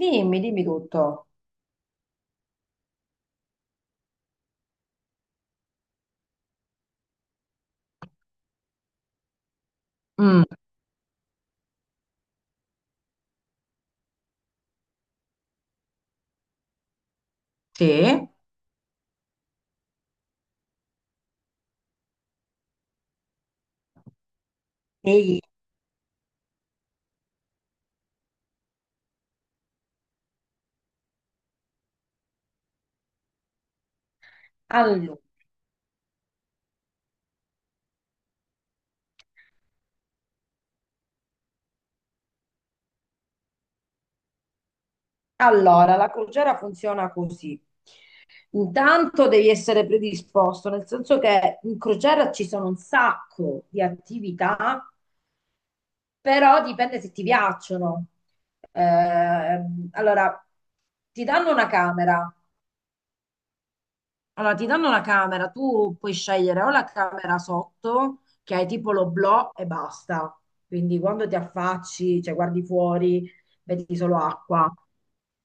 Dimmi, dimmi tutto. Mm, sì. Devi- allo- Allora, la crociera funziona così. Intanto devi essere predisposto, nel senso che in crociera ci sono un sacco di attività, però dipende se ti piacciono. Allora, ti danno una camera. Allora, ti danno la camera, tu puoi scegliere o la camera sotto, che hai tipo l'oblò e basta. Quindi quando ti affacci, cioè guardi fuori, vedi solo acqua.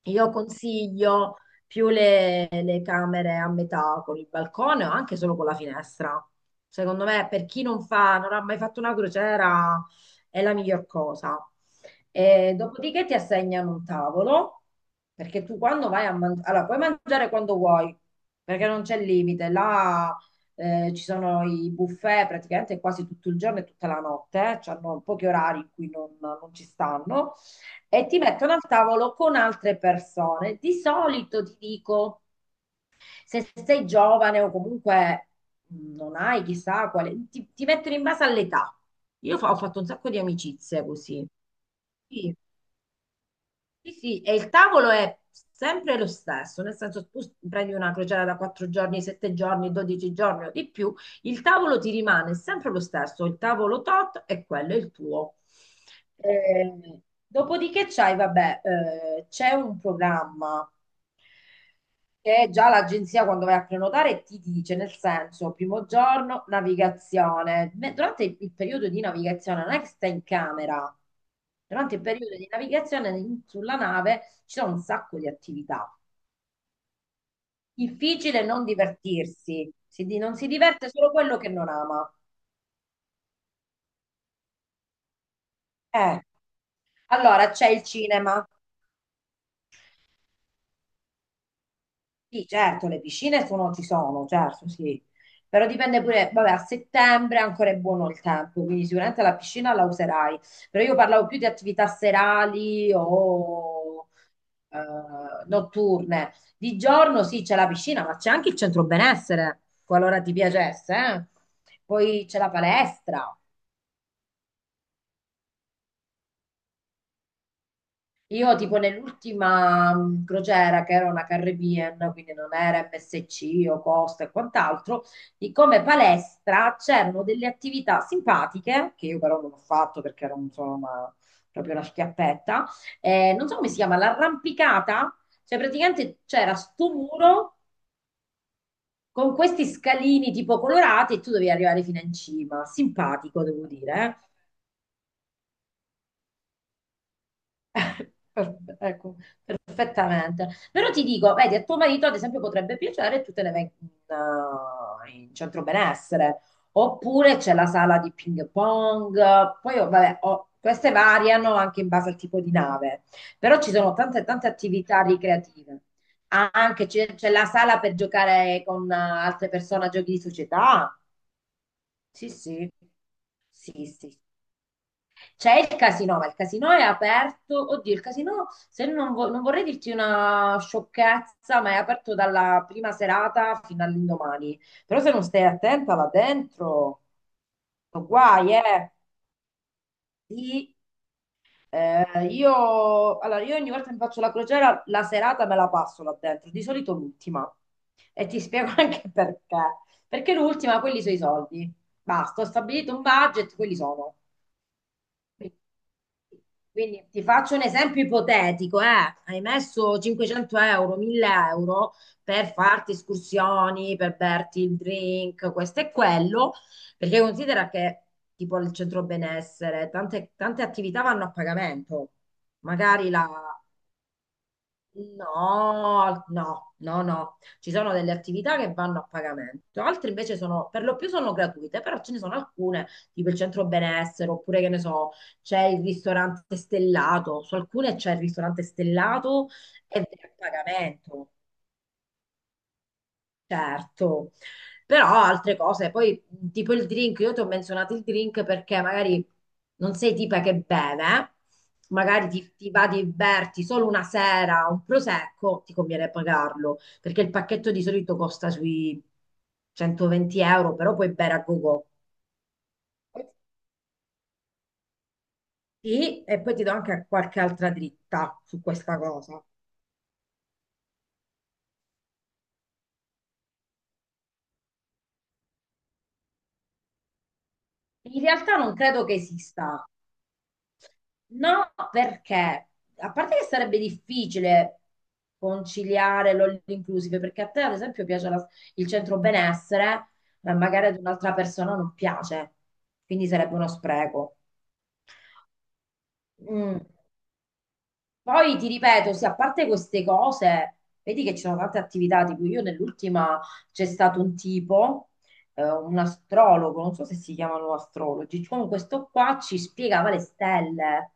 Io consiglio più le camere a metà con il balcone o anche solo con la finestra. Secondo me, per chi non fa, non ha mai fatto una crociera, è la miglior cosa. E dopodiché ti assegnano un tavolo, perché tu quando vai a mangiare, allora puoi mangiare quando vuoi, perché non c'è limite. Là ci sono i buffet praticamente quasi tutto il giorno e tutta la notte, eh. Hanno pochi orari in cui non ci stanno, e ti mettono al tavolo con altre persone. Di solito ti dico, se sei giovane o comunque non hai chissà quale, ti mettono in base all'età. Ho fatto un sacco di amicizie così. Sì. Sì, sì, e il tavolo è sempre lo stesso, nel senso tu prendi una crociera da 4 giorni, 7 giorni, 12 giorni o di più, il tavolo ti rimane sempre lo stesso, il tavolo tot e quello è il tuo. Eh, Dopodiché c'hai, vabbè, c'è un programma che già l'agenzia quando vai a prenotare ti dice, nel senso, primo giorno, navigazione. Durante il periodo di navigazione non è che stai in camera, durante il periodo di navigazione sulla nave ci sono un sacco di attività. Difficile non divertirsi, non si diverte solo quello che non ama. Eh, allora c'è il cinema. Sì, certo, ci sono, certo, sì. Però dipende pure, vabbè, a settembre ancora è buono il tempo, quindi sicuramente la piscina la userai. Però io parlavo più di attività serali o eh, notturne. Di giorno sì, c'è la piscina, ma c'è anche il centro benessere, qualora ti piacesse, eh. Poi c'è la palestra. Io tipo nell'ultima crociera che era una Caribbean, quindi non era MSC o Costa e quant'altro, di come palestra c'erano delle attività simpatiche, che io però non ho fatto perché ero insomma proprio una schiappetta, non so come si chiama, l'arrampicata, cioè praticamente c'era sto muro con questi scalini tipo colorati e tu dovevi arrivare fino in cima, simpatico devo dire, eh. Ecco. Esattamente. Però ti dico, vedi, a tuo marito ad esempio potrebbe piacere e tu te ne vai in centro benessere, oppure c'è la sala di ping pong, poi oh, vabbè, oh, queste variano anche in base al tipo di nave, però ci sono tante tante attività ricreative. Anche c'è la sala per giocare con altre persone a giochi di società. Sì, sì, sì, sì, c'è il casino, ma il casino è aperto. Oddio, il casino, se non, vo- non vorrei dirti una sciocchezza, ma è aperto dalla prima serata fino all'indomani. Però se non stai attenta là dentro, sono guai, eh. Sì, allora, io ogni volta che mi faccio la crociera, la serata me la passo là dentro, di solito l'ultima. E ti spiego anche perché. Perché l'ultima, quelli sono i soldi. Basta, ho stabilito un budget, quelli sono. Quindi ti faccio un esempio ipotetico, eh. Hai messo 500 euro, 1000 euro per farti escursioni, per berti il drink, questo e quello, perché considera che tipo il centro benessere, tante, tante attività vanno a pagamento, magari la. No, no, no, no. Ci sono delle attività che vanno a pagamento, altre invece sono, per lo più sono gratuite, però ce ne sono alcune, tipo il centro benessere, oppure che ne so, c'è il ristorante stellato, su alcune c'è il ristorante stellato ed è a pagamento. Certo, però altre cose, poi tipo il drink, io ti ho menzionato il drink perché magari non sei tipa che beve, magari ti va di berti solo una sera un prosecco, ti conviene pagarlo, perché il pacchetto di solito costa sui 120 euro, però puoi bere a gogo. Sì, e poi ti do anche qualche altra dritta su questa cosa. In realtà non credo che esista. No, perché a parte che sarebbe difficile conciliare l'all inclusive, perché a te ad esempio piace il centro benessere, ma magari ad un'altra persona non piace, quindi sarebbe uno spreco. Mm. Poi ti ripeto, sì, a parte queste cose, vedi che ci sono tante attività, tipo io nell'ultima c'è stato un tipo, un astrologo, non so se si chiamano astrologi, comunque questo qua ci spiegava le stelle.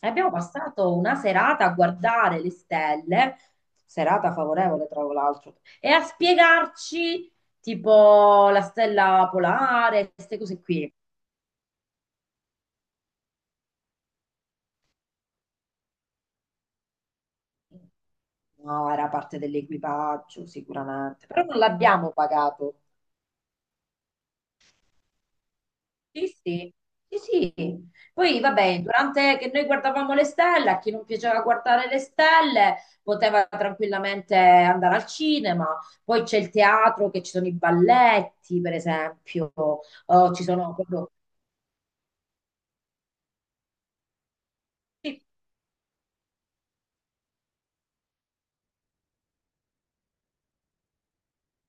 E abbiamo passato una serata a guardare le stelle, serata favorevole tra l'altro, e a spiegarci tipo la stella polare, queste cose qui. No, era parte dell'equipaggio sicuramente, però non l'abbiamo pagato. Sì, sì, sì, sì. Poi vabbè, durante che noi guardavamo le stelle, a chi non piaceva guardare le stelle poteva tranquillamente andare al cinema. Poi c'è il teatro, che ci sono i balletti, per esempio, o ci sono proprio. Sì.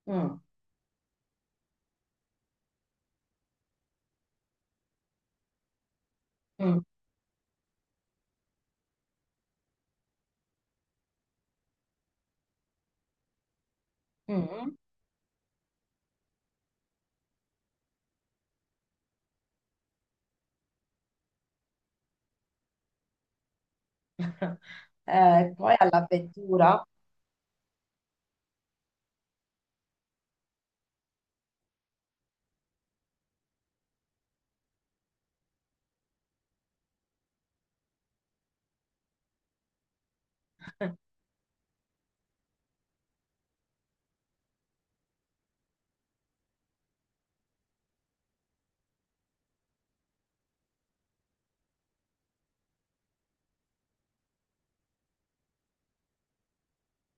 Mm, mm, mm. Poi all'avventura,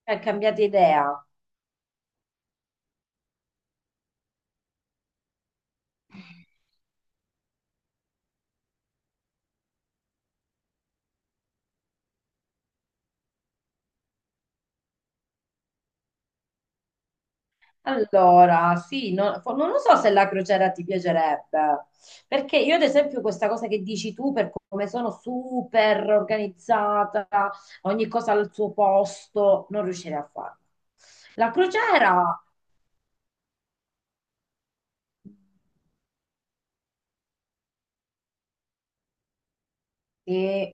hai cambiato idea. Allora, sì, non lo so se la crociera ti piacerebbe, perché io ad esempio questa cosa che dici tu, per come sono super organizzata, ogni cosa al suo posto, non riuscirei a farla. La crociera, sì,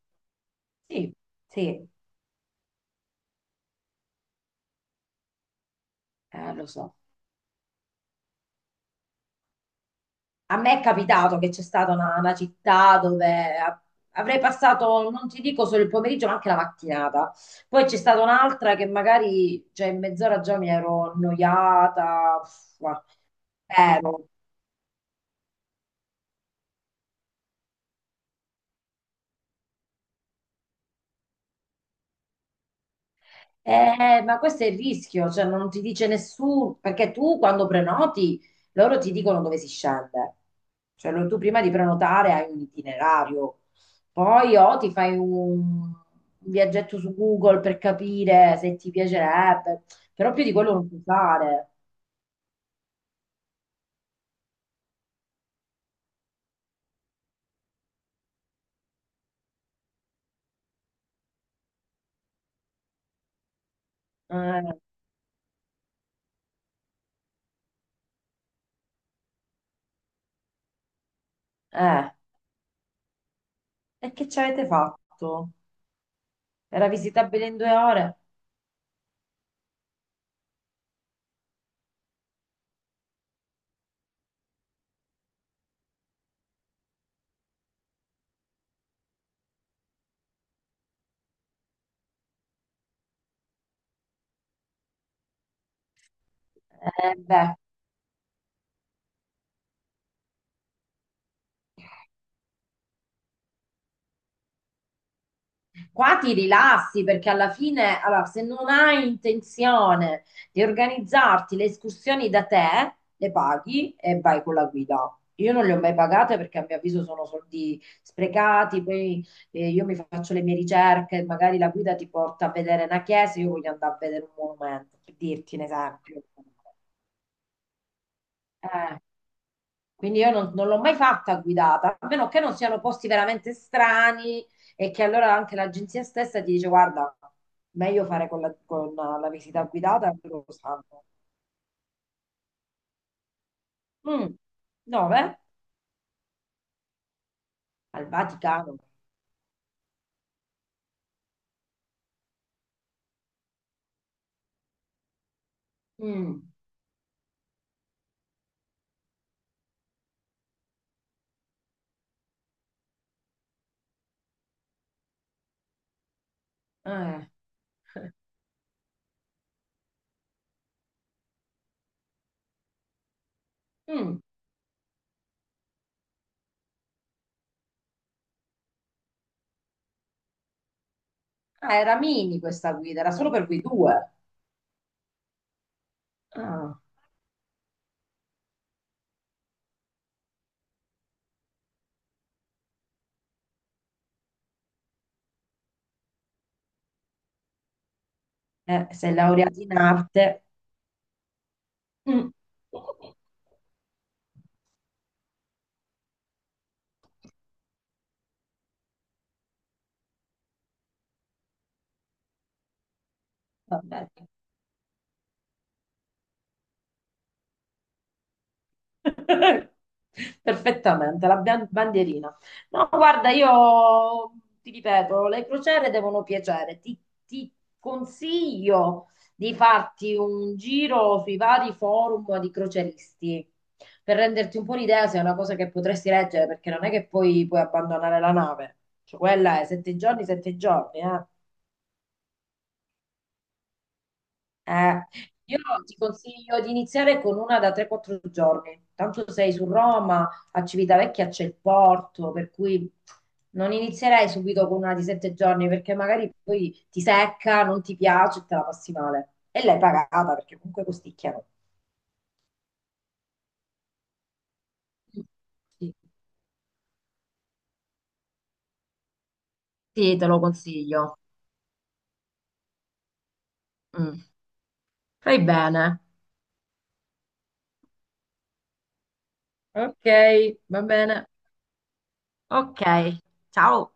sì, sì, lo so. A me è capitato che c'è stata una città dove avrei passato, non ti dico solo il pomeriggio, ma anche la mattinata. Poi c'è stata un'altra che magari, cioè, in mezz'ora già mi ero annoiata, uff, ero. Ma questo è il rischio, cioè non ti dice nessuno, perché tu quando prenoti, loro ti dicono dove si scende. Cioè, tu prima di prenotare hai un itinerario, poi o ti fai un viaggetto su Google per capire se ti piacerebbe, però più di quello non puoi fare. Eh, eh. E che ci avete fatto? Era visitabile in 2 ore? Beh. Qua ti rilassi perché alla fine, allora, se non hai intenzione di organizzarti le escursioni da te, le paghi e vai con la guida. Io non le ho mai pagate perché a mio avviso sono soldi sprecati, poi io mi faccio le mie ricerche, magari la guida ti porta a vedere una chiesa, io voglio andare a vedere un monumento, per dirti un esempio. Eh. Quindi io non l'ho mai fatta guidata, a meno che non siano posti veramente strani e che allora anche l'agenzia stessa ti dice guarda, meglio fare con la visita guidata e loro lo sanno. Mm. Dove? Al Vaticano. Mm. Eh. Mm. Ah, era mini questa guida, era solo per voi due. Ah. Sei laureata in arte. Mm. Vabbè. Perfettamente, la bandierina. No, guarda, io ti ripeto, le crociere devono piacere. Ti consiglio di farti un giro sui vari forum di croceristi per renderti un po' l'idea se è una cosa che potresti leggere, perché non è che poi puoi abbandonare la nave. Cioè, quella è 7 giorni, 7 giorni, eh. Eh, io ti consiglio di iniziare con una da 3-4 giorni. Tanto sei su Roma, a Civitavecchia c'è il porto, per cui non inizierei subito con una di 7 giorni perché magari poi ti secca, non ti piace e te la passi male. E l'hai pagata perché comunque costicchiano. Sì, sì, te lo consiglio. Mm. Fai bene. Ok, va bene. Ok, ciao.